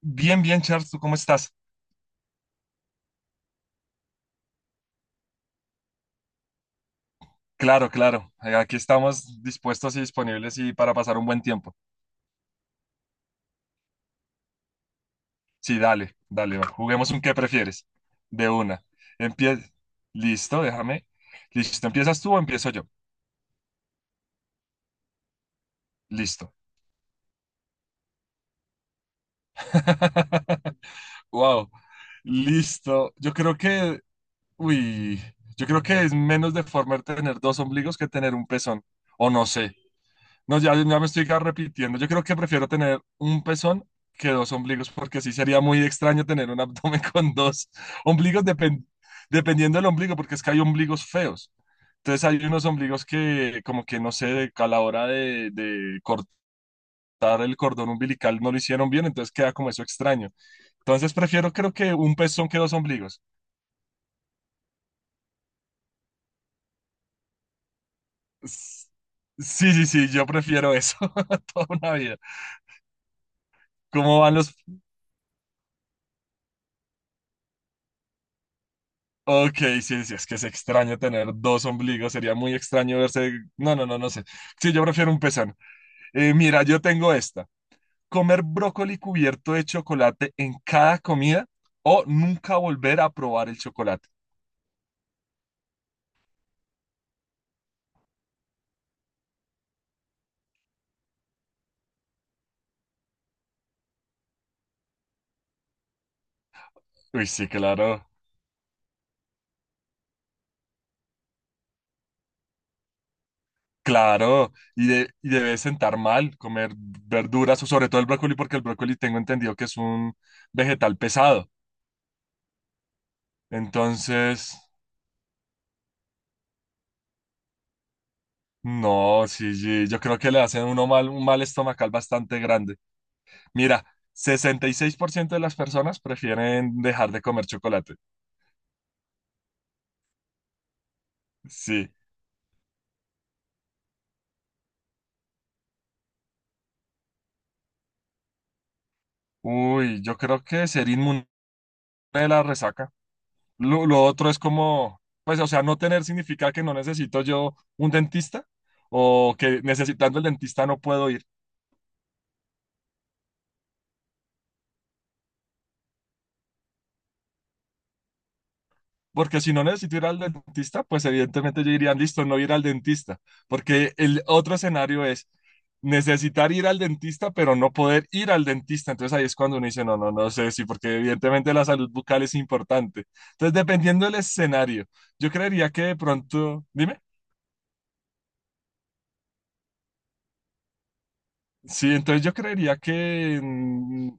Bien, bien, Charles, ¿tú cómo estás? Claro, claro. Aquí estamos dispuestos y disponibles y para pasar un buen tiempo. Sí, dale, dale, va, juguemos un qué prefieres. De una. Empie... Listo, déjame. Listo, ¿empiezas tú o empiezo yo? Listo. Wow. Listo. Uy, yo creo que es menos deforme tener dos ombligos que tener un pezón. O no sé. No, ya, ya me estoy repitiendo. Yo creo que prefiero tener un pezón que dos ombligos, porque sí sería muy extraño tener un abdomen con dos ombligos, dependiendo del ombligo, porque es que hay ombligos feos. Entonces hay unos ombligos que como que no sé, a la hora de cortar el cordón umbilical no lo hicieron bien, entonces queda como eso extraño. Entonces prefiero creo que un pezón que dos ombligos. S- Sí, sí, sí, yo prefiero eso toda una vida. ¿Cómo van los, Ok, sí, sí, es que es extraño tener dos ombligos, sería muy extraño verse. No, no, no, no sé. Sí, yo prefiero un pezón. Mira, yo tengo esta. Comer brócoli cubierto de chocolate en cada comida o nunca volver a probar el chocolate. Uy, sí, claro, claro. Y debe sentar mal comer verduras o sobre todo el brócoli, porque el brócoli tengo entendido que es un vegetal pesado. Entonces, no, sí, sí, yo creo que le hacen uno mal, un mal estomacal bastante grande. Mira, 66% de las personas prefieren dejar de comer chocolate. Sí. Uy, yo creo que ser inmune de la resaca. Lo otro es como, pues, o sea, no tener significa que no necesito yo un dentista o que necesitando el dentista no puedo ir. Porque si no necesito ir al dentista, pues evidentemente yo diría, listo, no ir al dentista. Porque el otro escenario es necesitar ir al dentista, pero no poder ir al dentista. Entonces ahí es cuando uno dice, no, no, no sé sí porque evidentemente la salud bucal es importante. Entonces, dependiendo del escenario, yo creería que de pronto, dime. Sí, entonces yo creería que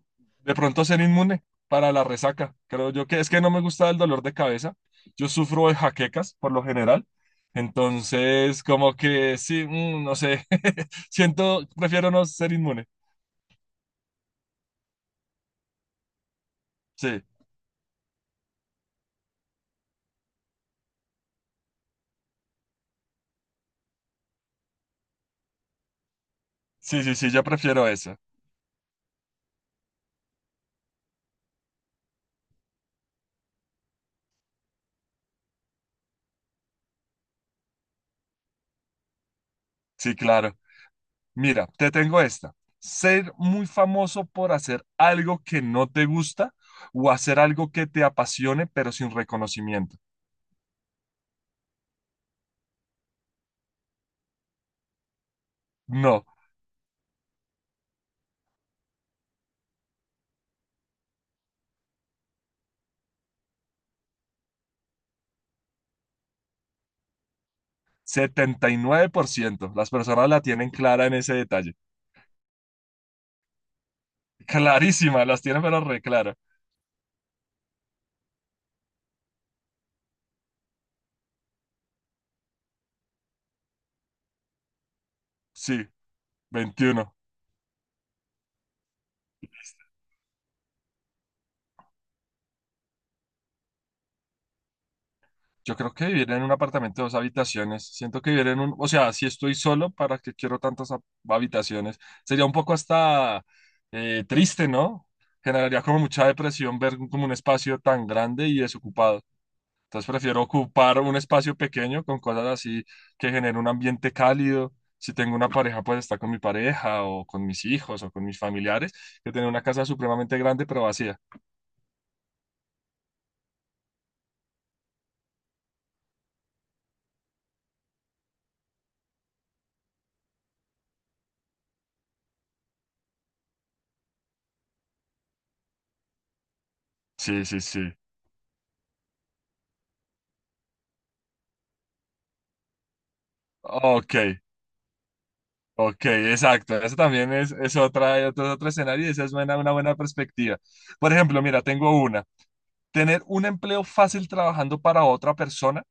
de pronto ser inmune para la resaca. Creo yo que es que no me gusta el dolor de cabeza. Yo sufro de jaquecas por lo general. Entonces, como que sí, no sé. Siento, prefiero no ser inmune. Sí, sí, sí, sí, yo prefiero eso. Sí, claro. Mira, te tengo esta. Ser muy famoso por hacer algo que no te gusta o hacer algo que te apasione pero sin reconocimiento. No, 79%, las personas la tienen clara en ese detalle. Clarísima, las tienen pero reclara. Sí, 21. Yo creo que vivir en un apartamento de dos habitaciones. Siento que vivir en un, o sea, si estoy solo, ¿para qué quiero tantas habitaciones? Sería un poco hasta triste, ¿no? Generaría como mucha depresión ver como un espacio tan grande y desocupado. Entonces prefiero ocupar un espacio pequeño con cosas así que generen un ambiente cálido. Si tengo una pareja, pues está con mi pareja o con mis hijos o con mis familiares, que tener una casa supremamente grande pero vacía. Sí, sí, sí. Ok, ok, exacto. Eso también es otra, otro, otro escenario y esa es una buena perspectiva. Por ejemplo, mira, tengo una. Tener un empleo fácil trabajando para otra persona,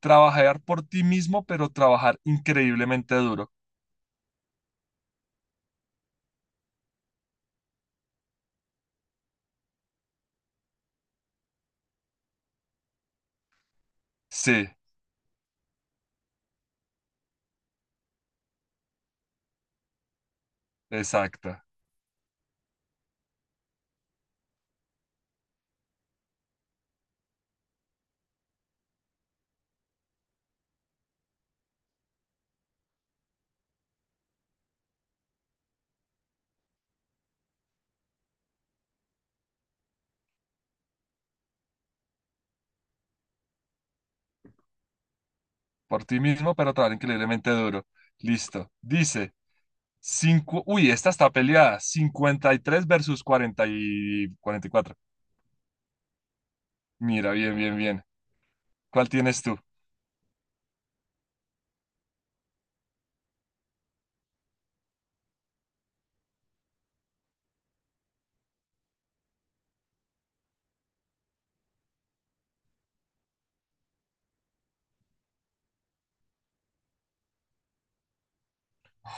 trabajar por ti mismo, pero trabajar increíblemente duro. Sí, exacto. Por ti mismo, pero trabajar increíblemente duro. Listo. Dice, uy, esta está peleada. 53 versus 44. Mira, bien, bien, bien. ¿Cuál tienes tú?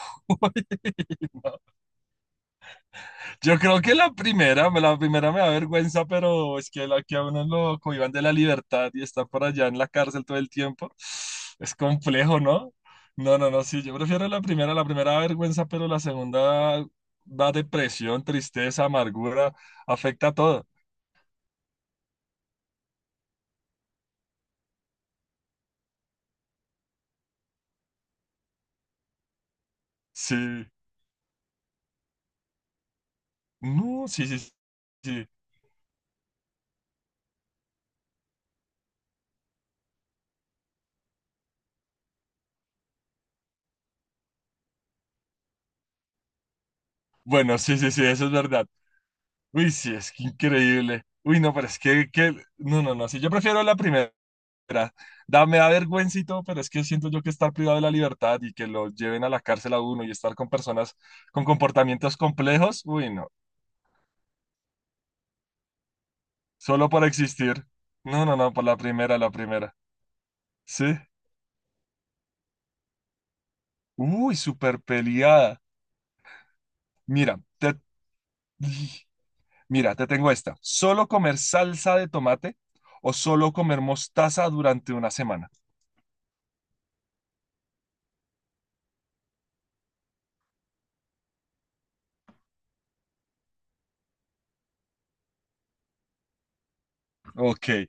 Uy, no. Yo creo que la primera, la primera me da vergüenza, pero es que la que a uno lo cohíban de la libertad y está por allá en la cárcel todo el tiempo, es complejo, ¿no? No, no, no, sí, yo prefiero la primera da vergüenza, pero la segunda da depresión, tristeza, amargura, afecta a todo. Sí, no, sí, sí, sí. Sí. Bueno, sí, sí, sí, eso es verdad. Uy, sí, es que increíble. Uy, no, pero es que... No, no, no, sí, yo prefiero la primera. Da, me da vergüenza y todo, pero es que siento yo que estar privado de la libertad y que lo lleven a la cárcel a uno y estar con personas con comportamientos complejos, uy, no, solo por existir. No, no, no, por la primera, la primera. Sí. Uy, súper peleada. Mira, te... Mira, te tengo esta. ¿Solo comer salsa de tomate o solo comer mostaza durante una semana? Ok,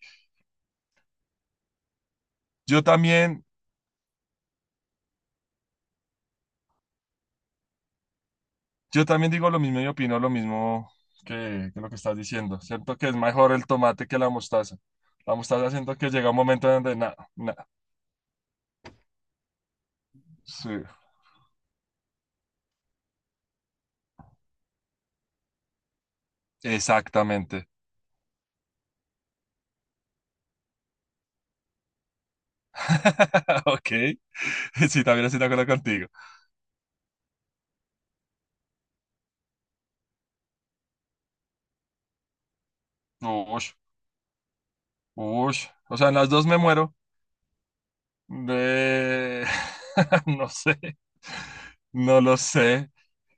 yo también, yo también digo lo mismo y opino lo mismo que lo que estás diciendo. Siento que es mejor el tomate que la mostaza. La mostaza siento que llega un momento donde nada, nada. Sí, exactamente. Ok, sí, también estoy de acuerdo contigo. Ush, ush. O sea, en las dos me muero. De... No sé, no lo sé.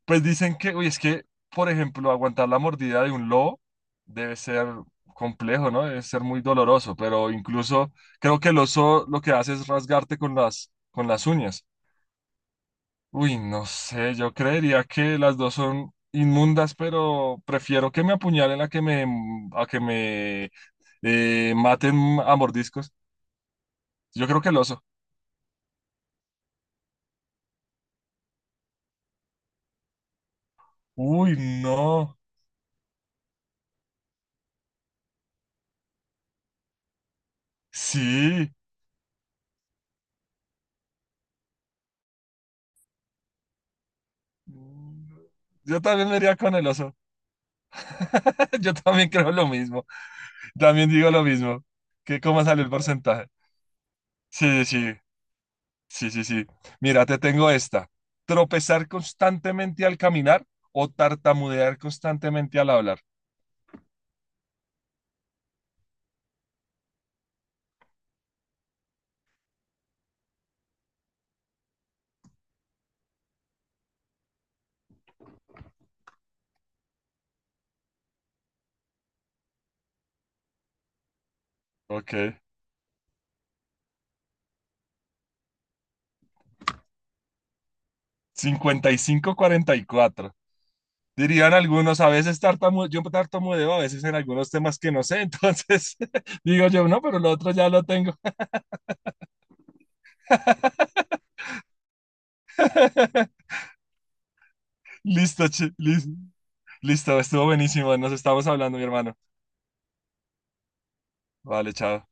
Pues dicen que, uy, es que, por ejemplo, aguantar la mordida de un lobo debe ser complejo, ¿no? Debe ser muy doloroso, pero incluso creo que el oso lo que hace es rasgarte con las, uñas. Uy, no sé, yo creería que las dos son inmundas, pero prefiero que me apuñalen a que me maten a mordiscos. Yo creo que el oso. Uy, no. Sí. Yo también me iría con el oso. Yo también creo lo mismo. También digo lo mismo. ¿Qué, cómo sale el porcentaje? Sí, sí, sí, sí, sí. Mira, te tengo esta. Tropezar constantemente al caminar o tartamudear constantemente al hablar. Ok. 55, 44. Dirían algunos, a veces tartamudeo, yo tartamudeo a veces en algunos temas que no sé, entonces digo yo, no, pero lo otro ya lo tengo. Listo, listo, estuvo buenísimo, nos estamos hablando, mi hermano. Vale, chao.